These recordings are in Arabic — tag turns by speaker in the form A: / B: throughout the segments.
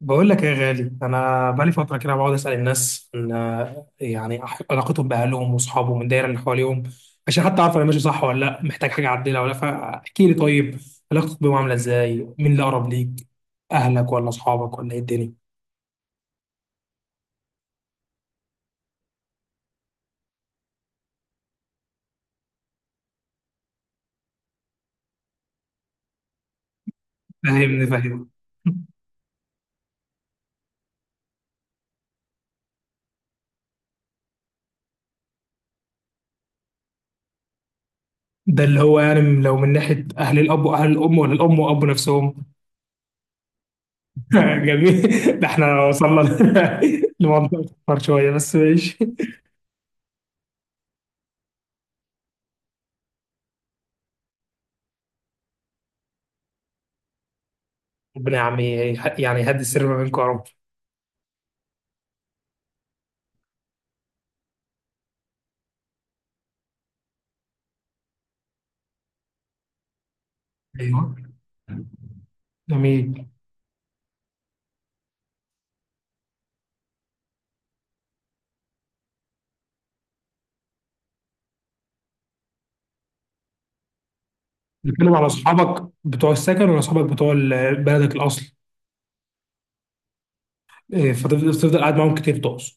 A: بقول لك ايه يا غالي، انا بقالي فتره كده بقعد اسال الناس ان علاقتهم باهلهم واصحابهم والدايره اللي حواليهم، عشان حتى اعرف انا ماشي صح ولا لا، محتاج حاجه اعدلها ولا لا. فاحكي لي، طيب علاقتك بيهم عامله ازاي؟ مين اللي اقرب ليك، اهلك ولا اصحابك ولا ايه الدنيا؟ فاهمني. ده اللي هو يعني لو من ناحيه اهل الاب واهل الام، ولا الام واب نفسهم؟ جميل. ده احنا وصلنا لموضوع اكبر شويه، بس ماشي. ربنا يا عم يعني يهدي السر ما بينكم يا رب. ايوه، جميل. بتتكلم على اصحابك بتوع السكن ولا اصحابك بتوع بلدك الاصل؟ إيه، فتفضل قاعد معاهم كتير تقصد؟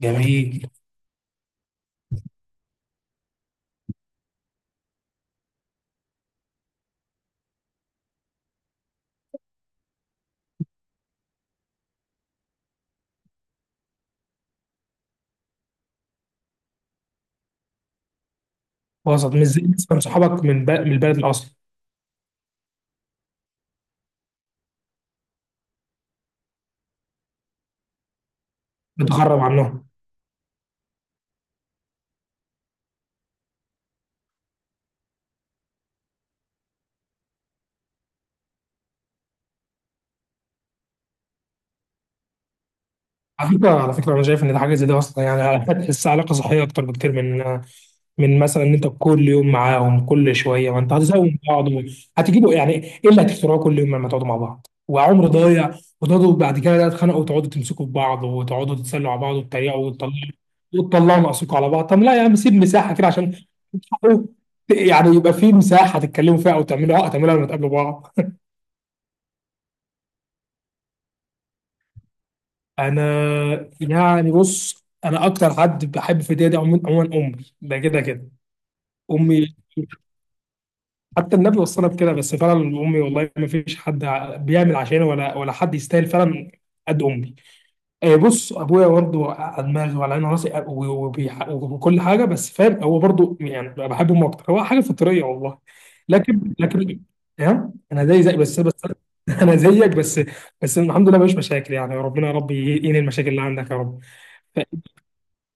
A: جميل. وسط، مش زي مثلا صحابك من من البلد الاصل. بتغرب عنهم. على فكرة أنا شايف إن ده حاجة زي دي أصلا، يعني هتحس علاقة صحية أكتر بكتير من من مثلا إن أنت كل يوم معاهم كل شوية. ما أنت هتزهقوا من بعض هتجيبوا يعني إيه اللي هتخترعوه كل يوم لما تقعدوا مع بعض، وعمر ضايع، وتقعدوا بعد كده بقى تتخانقوا وتقعدوا تمسكوا في بعض وتقعدوا تتسلوا على بعض وتتريقوا وتطلعوا ناقصكم على بعض. طب لا يا عم، سيب مساحة كده عشان تحققوا- يعني يبقى في مساحة تتكلموا فيها، أو تعملوا عقد تعملوها لما تقابلوا بعض. انا يعني بص، انا اكتر حد بحب في الدنيا دي عموما عموما امي، ده كده كده امي. حتى النبي وصانا بكده. بس فعلا امي، والله ما فيش حد بيعمل عشاني، ولا ولا حد يستاهل فعلا قد امي. آه، بص، ابويا برضه على دماغي وعلى عيني وراسي آه، وكل حاجه، بس فاهم، هو برضه يعني بحب امه اكتر، هو حاجه فطريه والله. لكن ها، انا زي زي بس بس انا زيك بس. بس الحمد لله مفيش مشاكل، يعني ربنا يا رب ينهي المشاكل اللي عندك يا رب.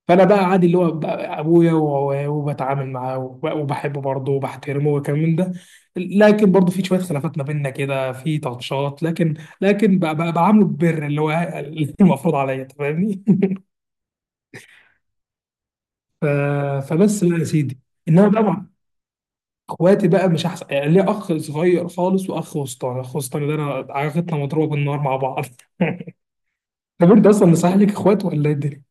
A: فانا بقى عادي اللي هو بقى ابويا، وبتعامل معاه وبحبه برضه وبحترمه وكمان ده. لكن برضه في شويه خلافات ما بيننا كده، في تاتشات، لكن لكن بقى بعامله ببر اللي هو اللي المفروض عليا، أنت فاهمني. ف- فبس بقى يا سيدي. انما بقى مع اخواتي بقى، مش احسن. يعني ليا اخ صغير خالص واخ وسطاني. اخ وسطاني ده انا علاقتنا مضروبه بالنار مع بعض. طب انت اصلا مصحح لك اخوات ولا ايه الدنيا؟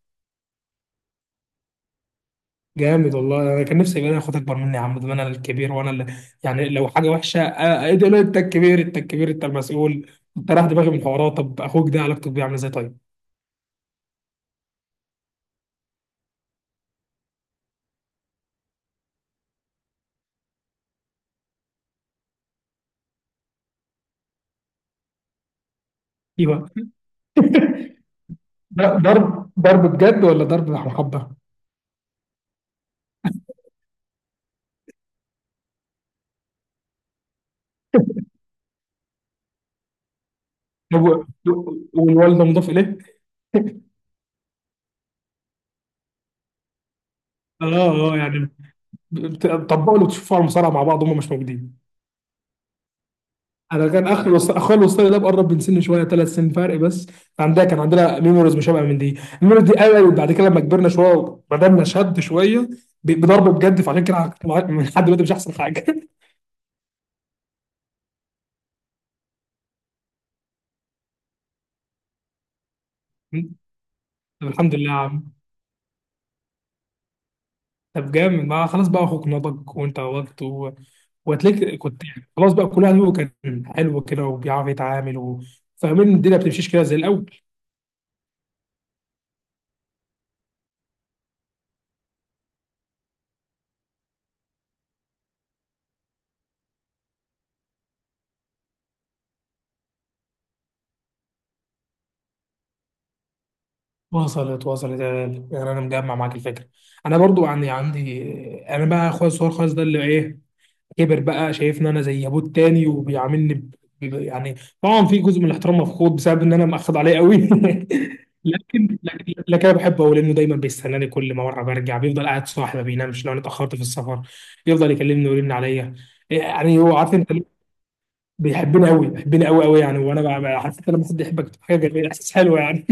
A: جامد والله، انا كان نفسي يبقى لي اخوات اكبر مني يا عم. ده انا الكبير، وانا اللي يعني لو حاجه وحشه آه، آه، ايه ده لا، انت الكبير انت الكبير انت المسؤول. انت رايح دماغي من الحوارات. طب اخوك ده علاقته بيه عامله ازاي طيب؟ ايوه، ده ضرب ضرب ضرب بجد ولا ضرب محبه؟ طب والوالده مضاف اليه؟ اه اه، يعني بتطبقوا اللي بتشوفوه على المصارعه مع بعض، هم مش موجودين. انا كان اخر وص... اخويا الوسطاني ده مقرب من سني شويه، ثلاث سنين فرق بس. عندها كان عندنا ميموريز مشابهه من دي، الميموريز دي قوي. بعد كده لما كبرنا شويه وبدأنا شد شويه بضرب بجد، فعشان كده من لحد دلوقتي مش احسن حاجه. طب الحمد لله يا عم. طب جامد، ما خلاص بقى اخوك نضج وانت نضجت و... وهتلاقيك كنت يعني خلاص بقى كل واحد فيكم كان حلو كده وبيعرف يتعامل و... فاهمين إن الدنيا ما بتمشيش كده زي الاول. وصلت يا غالي، يعني انا مجمع معاك الفكره. انا برضو عندي عندي. انا بقى اخويا الصغير خالص ده اللي ايه، كبر بقى شايفني انا زي ابوه التاني وبيعاملني ب... يعني طبعا في جزء من الاحترام مفقود بسبب ان انا مأخد عليه قوي لكن انا بحبه قوي، لانه دايما بيستناني. كل ما مره برجع بيفضل قاعد صاحي ما بينامش لو انا اتاخرت في السفر. يفضل يكلمني ويرن عليا، يعني هو عارف انت، بيحبني قوي، بيحبني قوي قوي يعني. وانا عارف انت لما حد يحبك بتبقى حاجه جميله، احساس حلو يعني.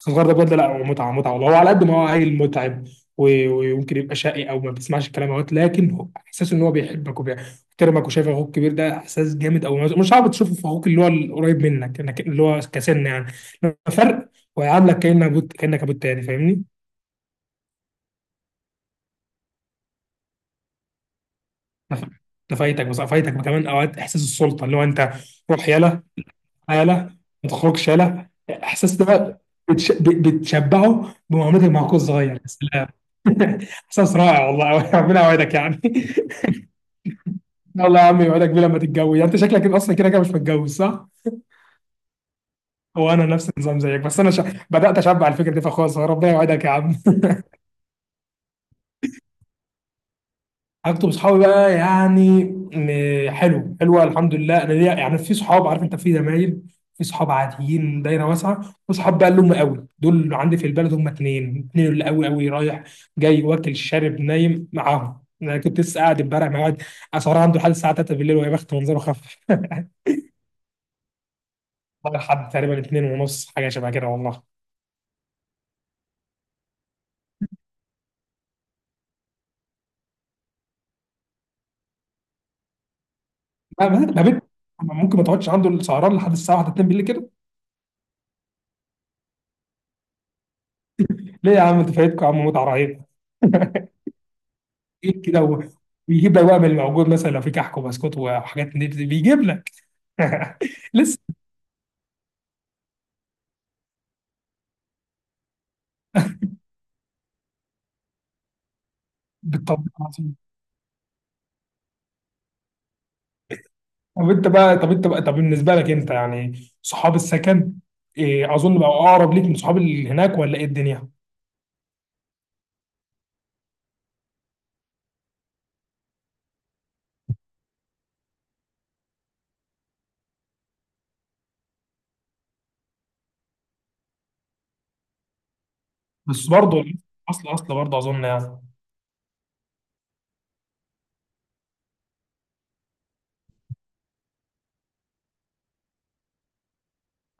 A: بس الصغير ده بجد لا، هو متعه متعه والله. هو على قد ما هو عيل متعب و- ويمكن يبقى شقي او ما بيسمعش الكلام اهوت، لكن هو احساس ان هو بيحبك وبيحترمك وشايف اخوك كبير، ده احساس جامد، او مش صعب تشوفه في اخوك اللي هو القريب منك، اللي هو كسن يعني لما فرق، ويعاملك كانك ابوك، كانك ابوك تاني، فاهمني؟ نف- نفايتك، بس فايتك كمان اوقات احساس السلطه اللي هو انت. روح يلا، هاله، ما تخرجش هاله، احساس ده بقى بتشبعه بمعاملتك مع اخوك الصغير. يا سلام احساس رائع والله ربنا يوعدك يعني إن الله يا عم يوعدك بيه لما تتجوز. يعني انت شكلك كده اصلا كده كده مش متجوز صح؟ هو انا نفس النظام زيك، بس انا ش... بدات اشبع الفكره دي في اخويا الصغير. ربنا يوعدك يا عم. علاقتي بصحابي بقى يعني حلو حلوه الحمد لله. انا ليا يعني في صحاب عارف انت، في زمايل، في صحاب عاديين، دايره واسعه، وصحاب بقى اللي هم قوي دول، اللي عندي في البلد هم اتنين، اتنين اللي قوي قوي، رايح جاي واكل شارب نايم معاهم. انا كنت لسه قاعد امبارح مع واحد اسعار عنده لحد الساعه 3 بالليل، وهي بخت منظره خف. لحد تقريبا 2 ونص حاجه شبه كده والله. ما بنت ممكن ما تقعدش عنده السهران لحد الساعه 1 2 بالليل كده؟ ليه يا عم، انت فايتكم يا عم متعه رهيبه. ايه كده ويجيب لك بقى من الموجود، مثلا لو في كحك وبسكوت وحاجات من دي بيجيب لك. لسه. بالطبيعة العظيم. طب بالنسبه لك انت يعني صحاب السكن إيه، اظن بقى اقرب ليك من صحاب اللي هناك، ولا ايه الدنيا؟ بس برضه اصل برضه اظن يعني.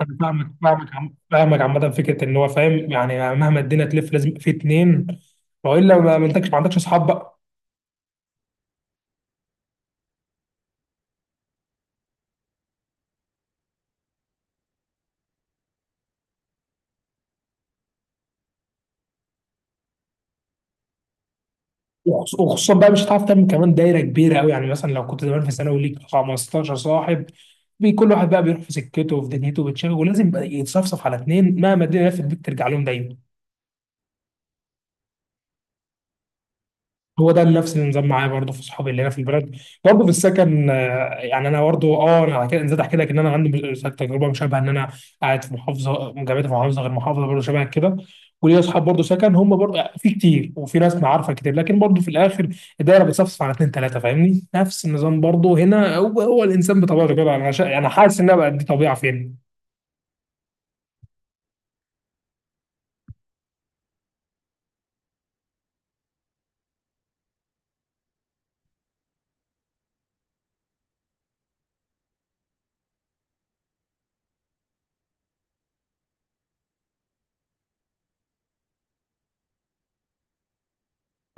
A: انا فاهمك عامه فكره ان هو فاهم، يعني مهما الدنيا تلف لازم في اتنين، والا ما ما انتكش، ما عندكش اصحاب بقى. وخصوصا بقى مش هتعرف تعمل كمان دايره كبيره قوي، يعني مثلا لو كنت زمان في ثانوي ليك 15 صاحب، كل واحد بقى بيروح في سكته وفي دنيته وبتشغل، ولازم بقى يتصفصف على اتنين، مهما الدنيا لفت بيك ترجع لهم دايما. هو ده نفس النظام معايا برضه في صحابي اللي هنا في البلد، برضه في السكن آه، يعني انا برضه اه انا على كده نزلت احكي لك ان انا عندي تجربه مشابهه، ان انا قاعد في محافظه، جامعتي في محافظه غير محافظه، برضه شبه كده. وليا اصحاب برضه سكن، هم برضه آه، في كتير، وفي ناس معارفه كتير، لكن برضه في الاخر الدايره بتصفصف على اثنين ثلاثه، فاهمني، نفس النظام برضه هنا هو هو. الانسان بطبيعته كده، انا شا... انا حاسس انها بقت دي طبيعه فين.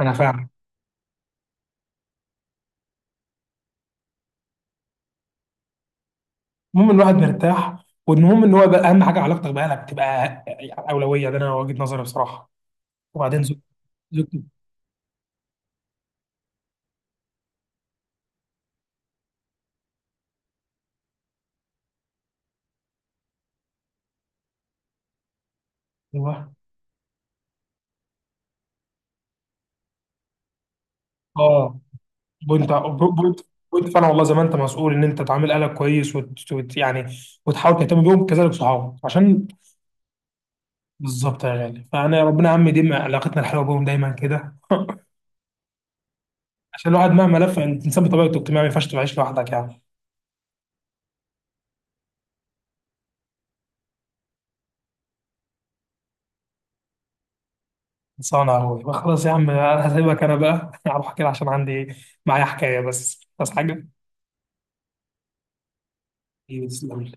A: انا فاهم. المهم إن الواحد مرتاح. والمهم ان هو بقى اهم حاجه علاقتك باهلك بتبقى يعني اولويه. ده انا وجهه نظري بصراحه. وبعدين زوجتي. ايوه، اه، وانت وانت وانت فعلا والله، زي ما انت مسؤول ان انت تعامل اهلك كويس وت... وت... يعني وتحاول تهتم بيهم، كذلك صحابك عشان بالظبط يا غالي. فانا يا ربنا يا عم يديم علاقتنا الحلوه بيهم دايما كده. عشان الواحد مهما لف، الانسان بطبيعته اجتماعي، ما ينفعش تعيش لوحدك يعني. خلصانه يا اخوي، خلاص يا عم انا هسيبك، انا بقى اروح كده عشان عندي معايا حكايه، بس حاجه. إيه، تسلم لي.